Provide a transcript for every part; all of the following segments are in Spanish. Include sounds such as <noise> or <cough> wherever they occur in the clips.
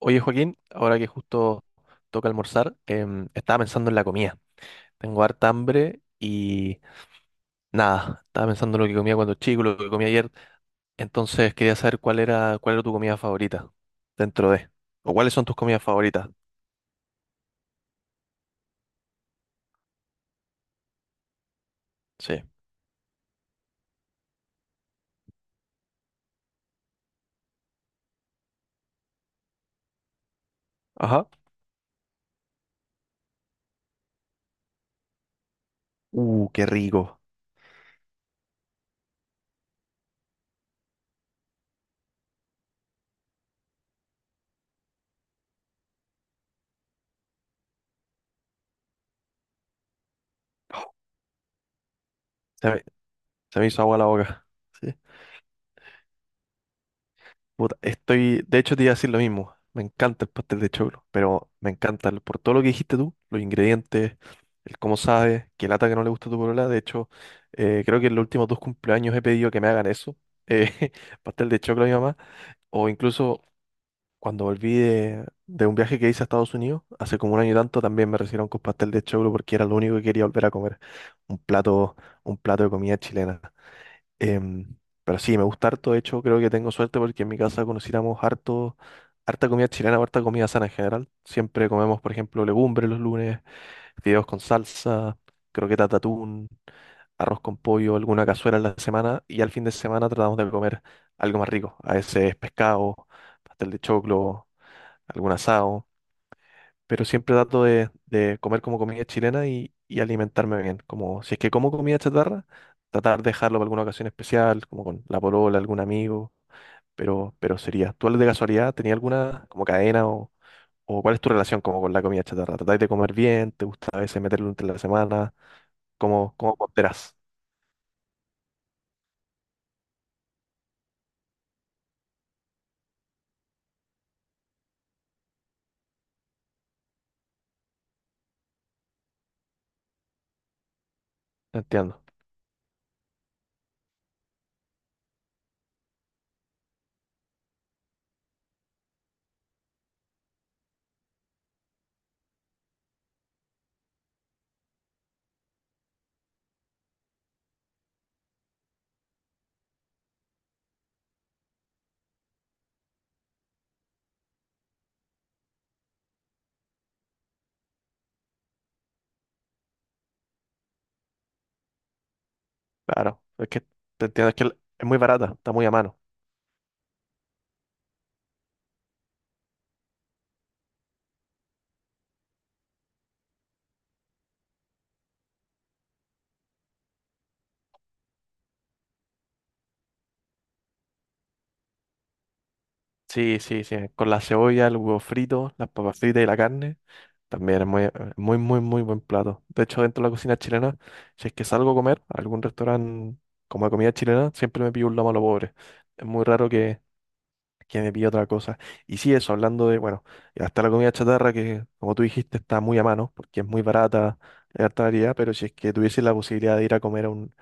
Oye, Joaquín, ahora que justo toca almorzar, estaba pensando en la comida. Tengo harta hambre y nada, estaba pensando en lo que comía cuando chico, lo que comía ayer. Entonces quería saber cuál era tu comida favorita dentro de, o cuáles son tus comidas favoritas. Sí. Ajá. Qué rico. Se me, se me hizo agua la boca. Sí. Puta, estoy, de hecho te iba a decir lo mismo. Me encanta el pastel de choclo, pero me encanta por todo lo que dijiste tú, los ingredientes, el cómo sabes, qué lata que no le gusta a tu polola. De hecho, creo que en los últimos dos cumpleaños he pedido que me hagan eso, eh, <laughs> pastel de choclo a mi mamá. O incluso cuando volví de un viaje que hice a Estados Unidos, hace como un año y tanto, también me recibieron con pastel de choclo porque era lo único que quería volver a comer. Un plato, un plato de comida chilena. Em, pero sí, me gusta harto. De hecho, creo que tengo suerte porque en mi casa conociéramos harto, harta comida chilena, harta comida sana en general. Siempre comemos, por ejemplo, legumbres los lunes, fideos con salsa, croquetas de atún, arroz con pollo, alguna cazuela en la semana. Y al fin de semana tratamos de comer algo más rico. A veces pescado, pastel de choclo, algún asado, pero siempre trato de comer como comida chilena y alimentarme bien. Como si es que como comida chatarra, tratar de dejarlo para alguna ocasión especial, como con la polola, algún amigo, pero sería. ¿Tú de casualidad tenías alguna como cadena o cuál es tu relación como con la comida chatarra? ¿Tratáis de comer bien? ¿Te gusta a veces meterlo entre la semana? Cómo ponderás? Entiendo. Claro, es que te entiendo, es que es muy barata, está muy a mano. Sí, sí, sí. Con la cebolla, el huevo frito, las papas fritas y la carne. También es muy, muy, muy, muy buen plato. De hecho, dentro de la cocina chilena, si es que salgo a comer a algún restaurante como de comida chilena, siempre me pido un lomo a lo pobre. Es muy raro que me pida otra cosa. Y sí, eso, hablando de, bueno, y hasta la comida chatarra, que como tú dijiste, está muy a mano, porque es muy barata, hay harta variedad, pero si es que tuviese la posibilidad de ir a comer a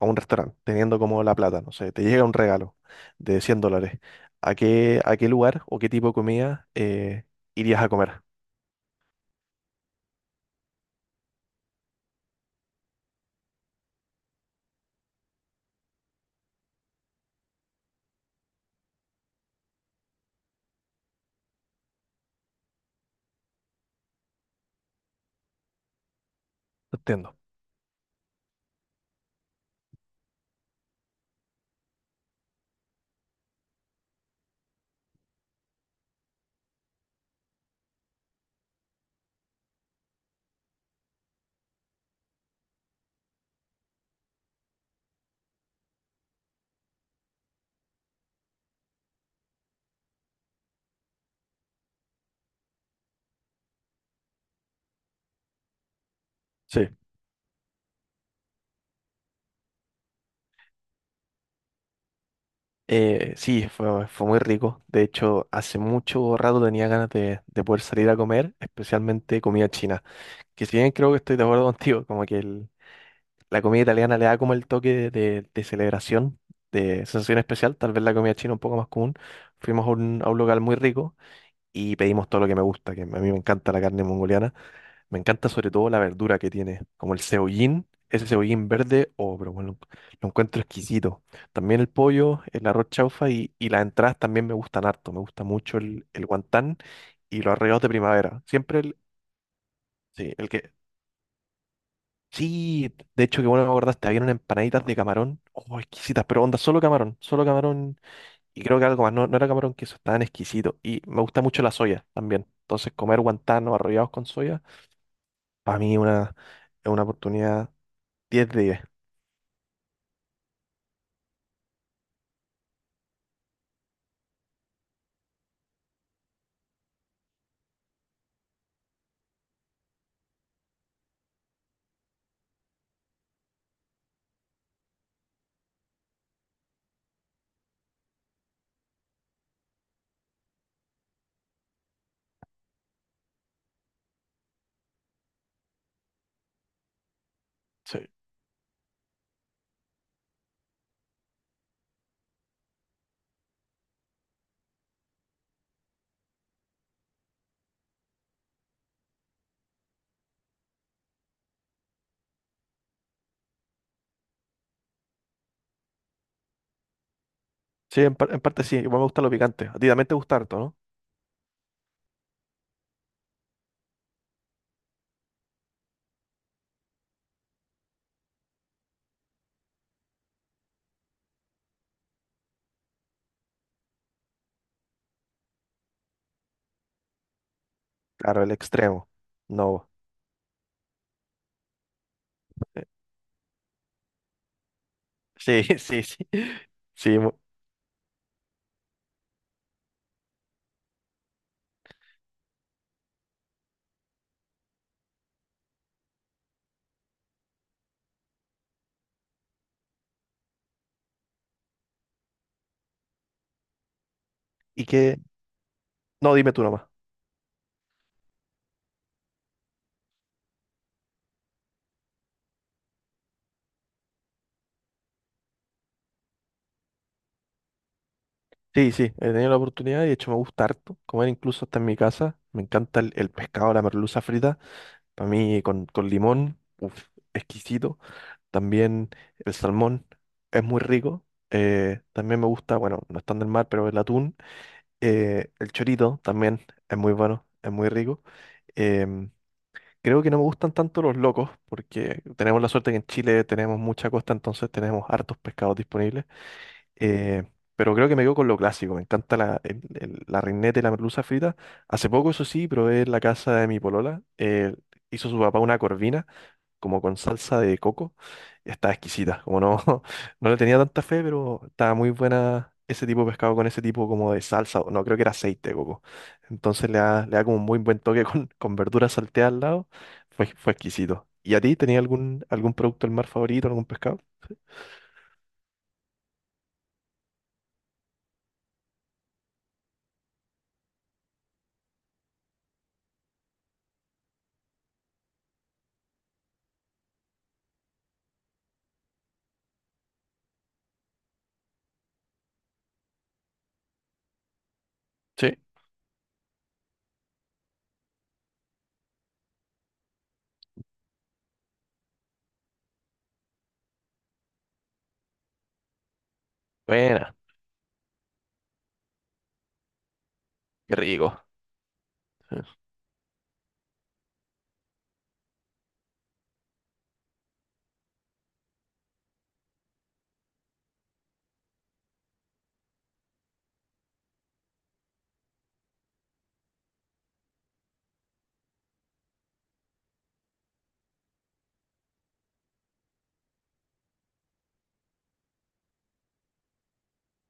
a un restaurante, teniendo como la plata, no sé, te llega un regalo de 100 dólares, a qué lugar o qué tipo de comida irías a comer? Entiendo. Sí. Sí, fue muy rico. De hecho, hace mucho rato tenía ganas de poder salir a comer, especialmente comida china. Que si bien creo que estoy de acuerdo contigo, como que la comida italiana le da como el toque de celebración, de sensación especial, tal vez la comida china un poco más común. Fuimos a a un local muy rico y pedimos todo lo que me gusta, que a mí me encanta la carne mongoliana. Me encanta sobre todo la verdura que tiene, como el cebollín, ese cebollín verde, oh, pero bueno, lo encuentro exquisito. También el pollo, el arroz chaufa y las entradas también me gustan harto. Me gusta mucho el guantán y los arreglos de primavera. Siempre el, sí, el que... Sí, de hecho, que bueno me acordaste, habían unas empanaditas de camarón, oh, exquisitas, pero onda, solo camarón, solo camarón. Y creo que algo más, no, no era camarón queso, estaban exquisito. Y me gusta mucho la soya también. Entonces, comer guantán arrollados con soya, para mí una, es una oportunidad 10 de 10. Sí, sí en, en parte sí, igual me gusta lo picante. A ti también te gusta harto, ¿no? Claro, el extremo. No. eh, Sí, <laughs> sí, sí. Sí, y que... No, dime tú nomás. Sí, sí, he tenido la oportunidad y de hecho me gusta harto comer incluso hasta en mi casa. Me encanta el pescado, la merluza frita. Para mí con limón, uf, exquisito. También el salmón es muy rico. También me gusta, bueno, no es tan del mar, pero el atún. El chorito también es muy bueno, es muy rico. Em, creo que no me gustan tanto los locos, porque tenemos la suerte que en Chile tenemos mucha costa, entonces tenemos hartos pescados disponibles. Eh, pero creo que me quedo con lo clásico. Me encanta la, la reineta y la merluza frita. Hace poco, eso sí, probé en la casa de mi polola. Hizo su papá una corvina como con salsa de coco. Está exquisita. Como no, <laughs> no le tenía tanta fe, pero estaba muy buena ese tipo de pescado con ese tipo como de salsa. O no, creo que era aceite de coco. Entonces le da como un muy buen toque <laughs> con verduras salteadas al lado. Fue exquisito. ¿Y a ti tenías algún, algún producto del mar favorito, algún pescado? Sí. Buena. Qué rico. Sí.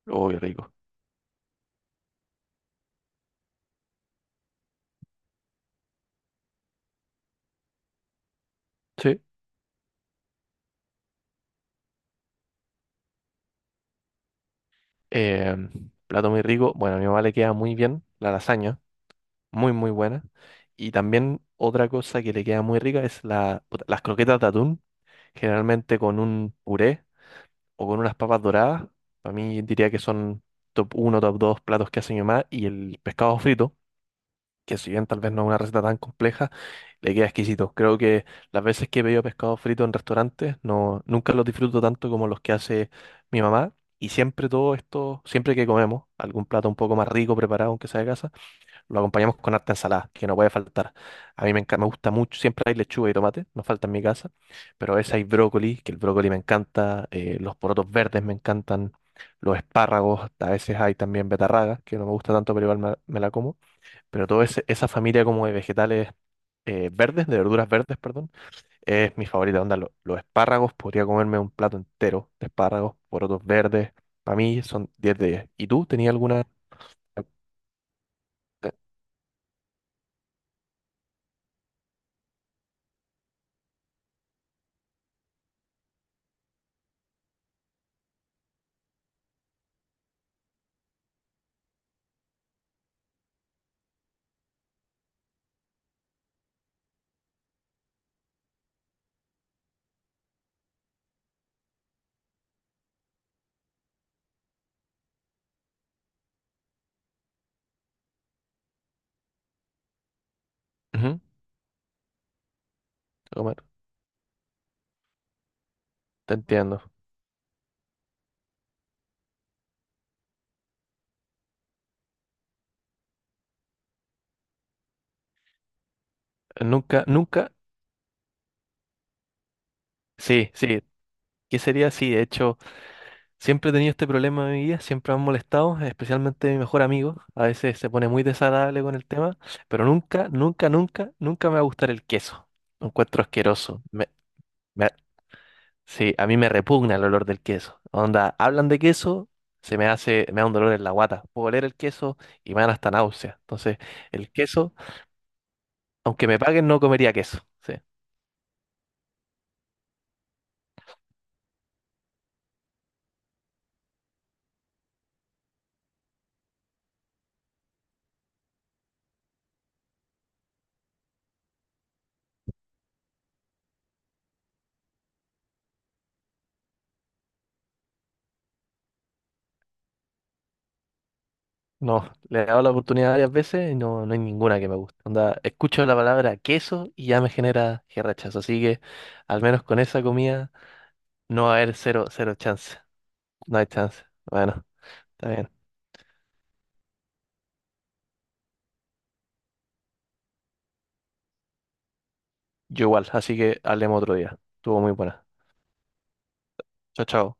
Oh, qué rico. Sí. Em, plato muy rico. Bueno, a mi mamá le queda muy bien la lasaña. Muy, muy buena. Y también otra cosa que le queda muy rica es la, puta, las croquetas de atún, generalmente con un puré o con unas papas doradas. Para mí diría que son top uno top 2 platos que hace mi mamá. Y el pescado frito, que si bien tal vez no es una receta tan compleja, le queda exquisito. Creo que las veces que he pedido pescado frito en restaurantes, no, nunca los disfruto tanto como los que hace mi mamá. Y siempre todo esto, siempre que comemos algún plato un poco más rico preparado, aunque sea de casa, lo acompañamos con harta ensalada, que no puede faltar. A mí me encanta, me gusta mucho, siempre hay lechuga y tomate, no falta en mi casa, pero a veces hay brócoli, que el brócoli me encanta, los porotos verdes me encantan, los espárragos, a veces hay también betarragas, que no me gusta tanto, pero igual me la como. Pero toda esa familia como de vegetales verdes, de verduras verdes, perdón, es mi favorita. Onda, los espárragos, podría comerme un plato entero de espárragos, porotos verdes, para mí son 10 de 10. ¿Y tú tenías alguna... Ujú, Omar, te entiendo. Nunca, nunca, sí, sí, ¿qué sería? Sí, de hecho, siempre he tenido este problema en mi vida, siempre me han molestado, especialmente mi mejor amigo, a veces se pone muy desagradable con el tema, pero nunca, nunca, nunca, nunca me va a gustar el queso, lo encuentro asqueroso, me- sí, a mí me repugna el olor del queso, onda, hablan de queso, se me hace, me da un dolor en la guata, puedo oler el queso y me dan hasta náusea, entonces, el queso, aunque me paguen, no comería queso, sí. No, le he dado la oportunidad varias veces y no, no hay ninguna que me guste. Onda, escucho la palabra queso y ya me genera que rechazo. Así que al menos con esa comida no va a haber cero, cero chance. No hay chance. Bueno, está bien. Yo igual, así que hablemos otro día. Estuvo muy buena. Chao, chao.